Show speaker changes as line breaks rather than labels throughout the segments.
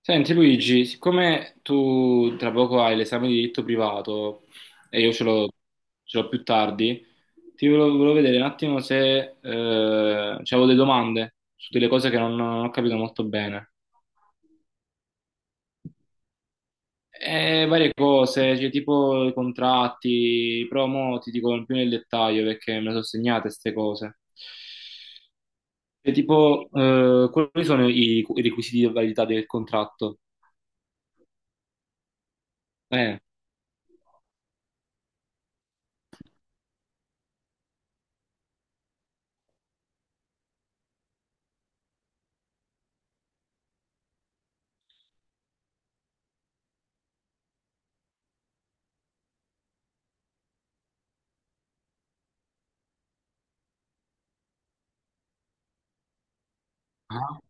Senti Luigi, siccome tu tra poco hai l'esame di diritto privato e io ce l'ho più tardi, volevo vedere un attimo se c'avevo delle domande su delle cose che non ho capito molto bene. E varie cose, cioè, tipo i contratti, però mo ti dico più nel dettaglio perché me le sono segnate queste cose. E tipo, quali sono i requisiti di validità del contratto? Eh, Ah.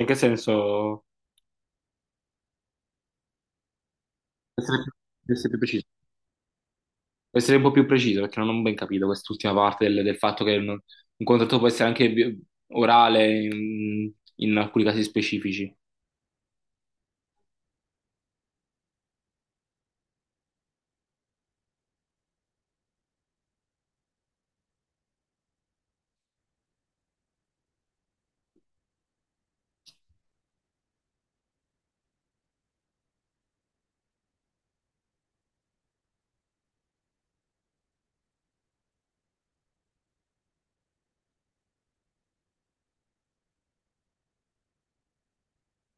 In che senso? Essere più preciso. Devo essere un po' più preciso perché non ho ben capito quest'ultima parte del fatto che non- un contratto può essere anche orale in alcuni casi specifici.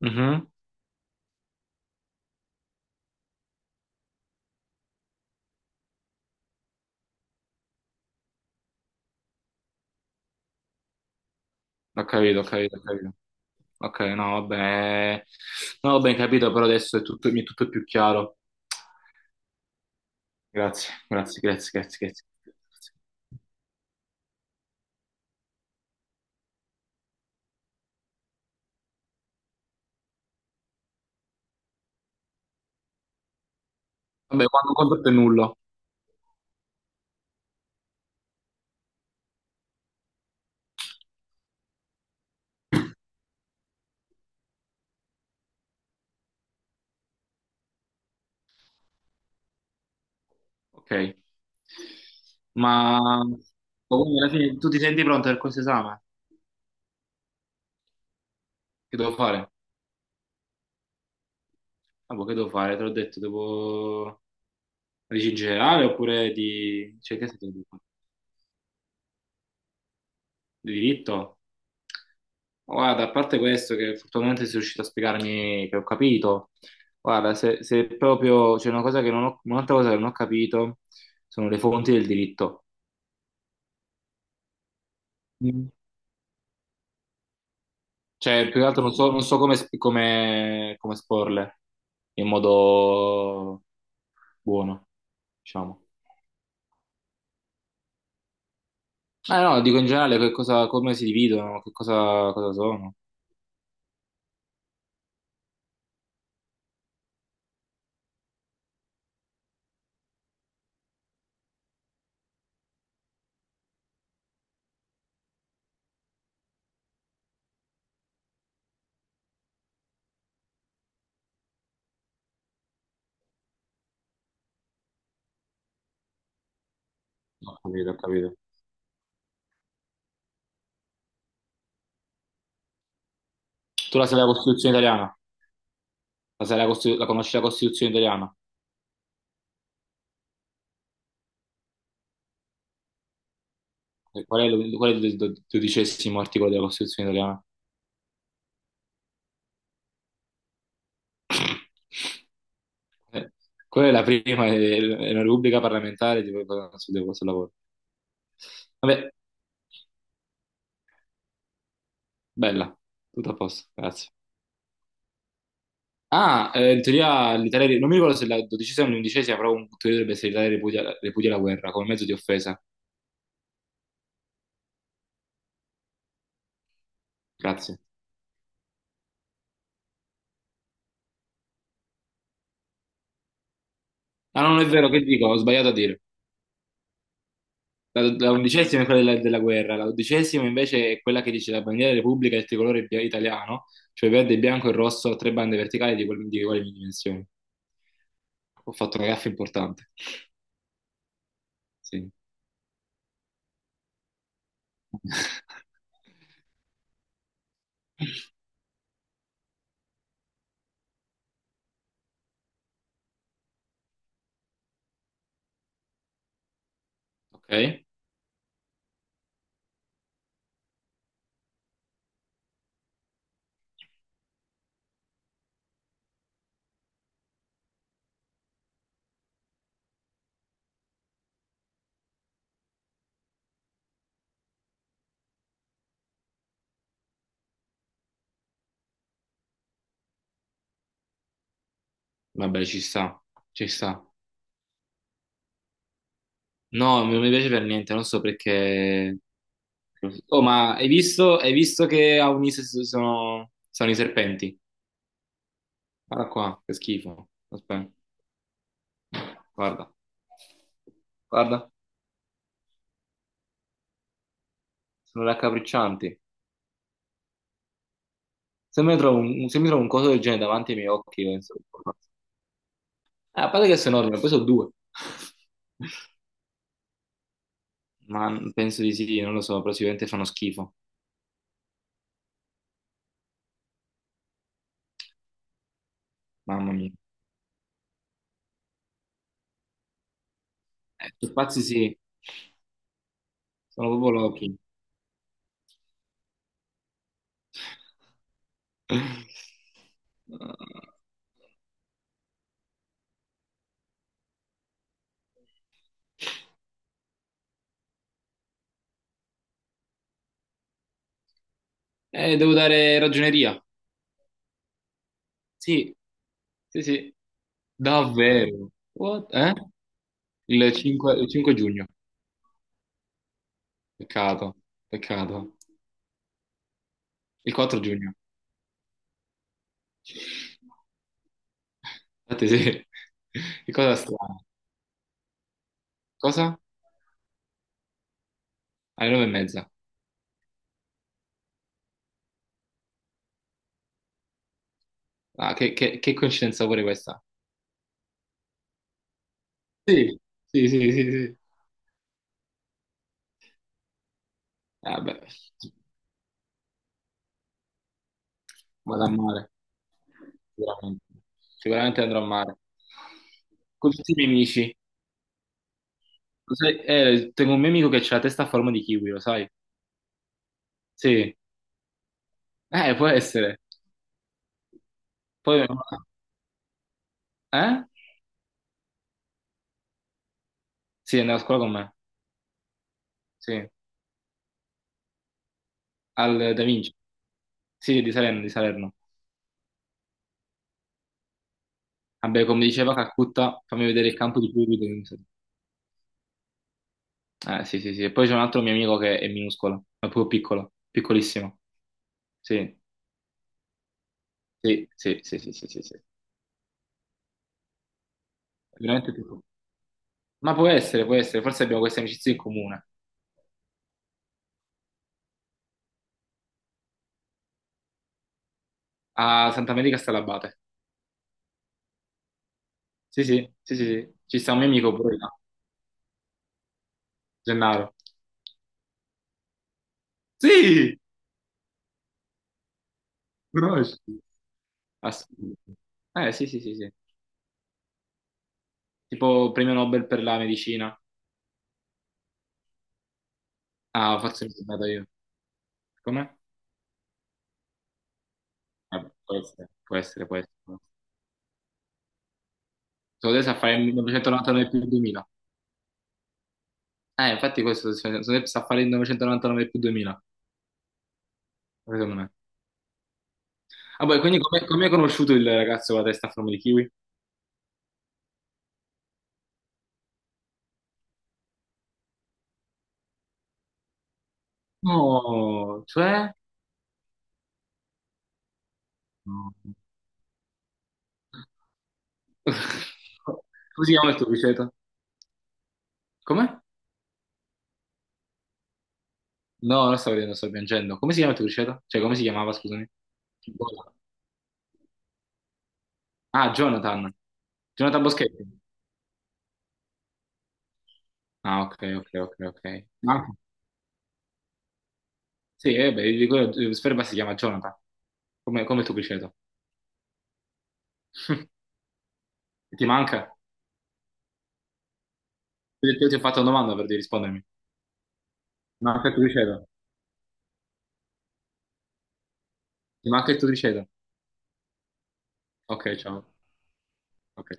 Mhm. Ho capito, ho capito, ho capito. Ok, no, vabbè. Non ho ben capito, però adesso mi è tutto più chiaro. Grazie, grazie, grazie, grazie, grazie. Vabbè, quando un contratto è nullo. Ok. Ma ma quindi alla fine tu ti senti pronto per questo esame? Che devo fare? Ah, boh, che devo fare? Te l'ho detto, devo legge in generale oppure di. Cioè, che è stato di diritto? Guarda, a parte questo che fortunatamente sei riuscito a spiegarmi che ho capito, guarda, se proprio c'è una cosa che non ho, un'altra cosa che non ho capito sono le fonti del diritto. Mm. Cioè, più che altro non so come esporle in modo buono, diciamo. Ah, no, dico in generale che cosa, come si dividono, che cosa sono. No, ho capito, ho capito. Tu la sai la Costituzione italiana? La conosci la Costituzione italiana? E qual è il dodicesimo articolo della Costituzione italiana? Eh, Quella è la prima, è una repubblica parlamentare tipo, sul lavoro. Vabbè, bella, tutto a posto, grazie. Ah, in teoria l'Italia, non mi ricordo se è la dodicesima o l'undicesima, però in teoria dovrebbe essere l'Italia ripudia, la guerra come mezzo di offesa. Grazie. Ah, no, non è vero, che dico? Ho sbagliato a dire. La undicesima è quella della guerra, la dodicesima invece è quella che dice la bandiera della Repubblica è il tricolore italiano, cioè verde, bianco e rosso a tre bande verticali di uguali dimensioni. Ho fatto una gaffa importante. Sì. Ok, vabbè, ci sta, ci sta. No, non mi piace per niente, non so perché. Oh, ma hai visto che a Unise sono i serpenti? Guarda qua, che schifo. Aspetta, guarda, guarda. Sono raccapriccianti. Se mi trovo se mi trovo un coso del genere davanti ai miei occhi, penso, che faccio. Ah, a parte che sono enorme, poi sono due. Ma penso di sì, non lo so, però sicuramente fanno schifo. Mamma mia. Pazzi sì, sono proprio lochi. Eh, devo dare ragioneria. Sì, sì, sì. Davvero. What? Eh? Il 5, il 5 giugno. Peccato, peccato. Il 4 giugno. Infatti sì, che cosa strana. Cosa? Alle 9:30. Ah, che coincidenza pure questa. Sì, sì, sì, sì, sì. Ah, beh, vado a mare, sicuramente. Sicuramente andrò a mare. Con tutti i miei amici. Lo sai, tengo un mio amico che ha la testa a forma di kiwi, lo sai? Sì. Può essere. Poi. Eh? Sì, andava a scuola con me. Sì. Al Da Vinci. Sì, di Salerno, di Salerno. Vabbè, come diceva Calcutta, fammi vedere il campo di Pluto. Sì, sì, sì. E poi c'è un altro mio amico che è minuscolo, è proprio piccolo, piccolissimo. Sì, sì, sì, sì, sì, sì, sì, sì. È veramente piccolo. Ma può essere, può essere. Forse abbiamo queste amicizie in comune. A Santa Maria Stalabate. Sì, sì, sì, sì, sì. Ci sta un mio amico pure là, Gennaro. Sì, conosci. Assolutamente. Sì, sì, sì, sì. Tipo premio Nobel per la medicina. Ah, forse mi sono andato io. Com'è? Vabbè, può essere, può essere, può essere. Sono adesso a fare il 1999 più il 2000. Infatti questo se sta a fare il 999 più 2000, secondo me. Ah, poi, quindi come hai conosciuto il ragazzo con la testa a forma di kiwi? No, cioè. No. Come si chiama il tuo criceto? Come? No, non stavo ridendo, sto piangendo. Come si chiama il tuo criceto? Cioè, come si chiamava, scusami? Bona. Ah, Jonathan. Jonathan Boschetti. Ah, ok, ok, ok, ok. Ah, sì, beh, di quello, Sperba si chiama Jonathan, come il tuo criceto. Ti manca? Io ti ho fatto una domanda per di rispondermi. Manca il tricipite. Ti manca il tricipite. Ok, ciao. Ok.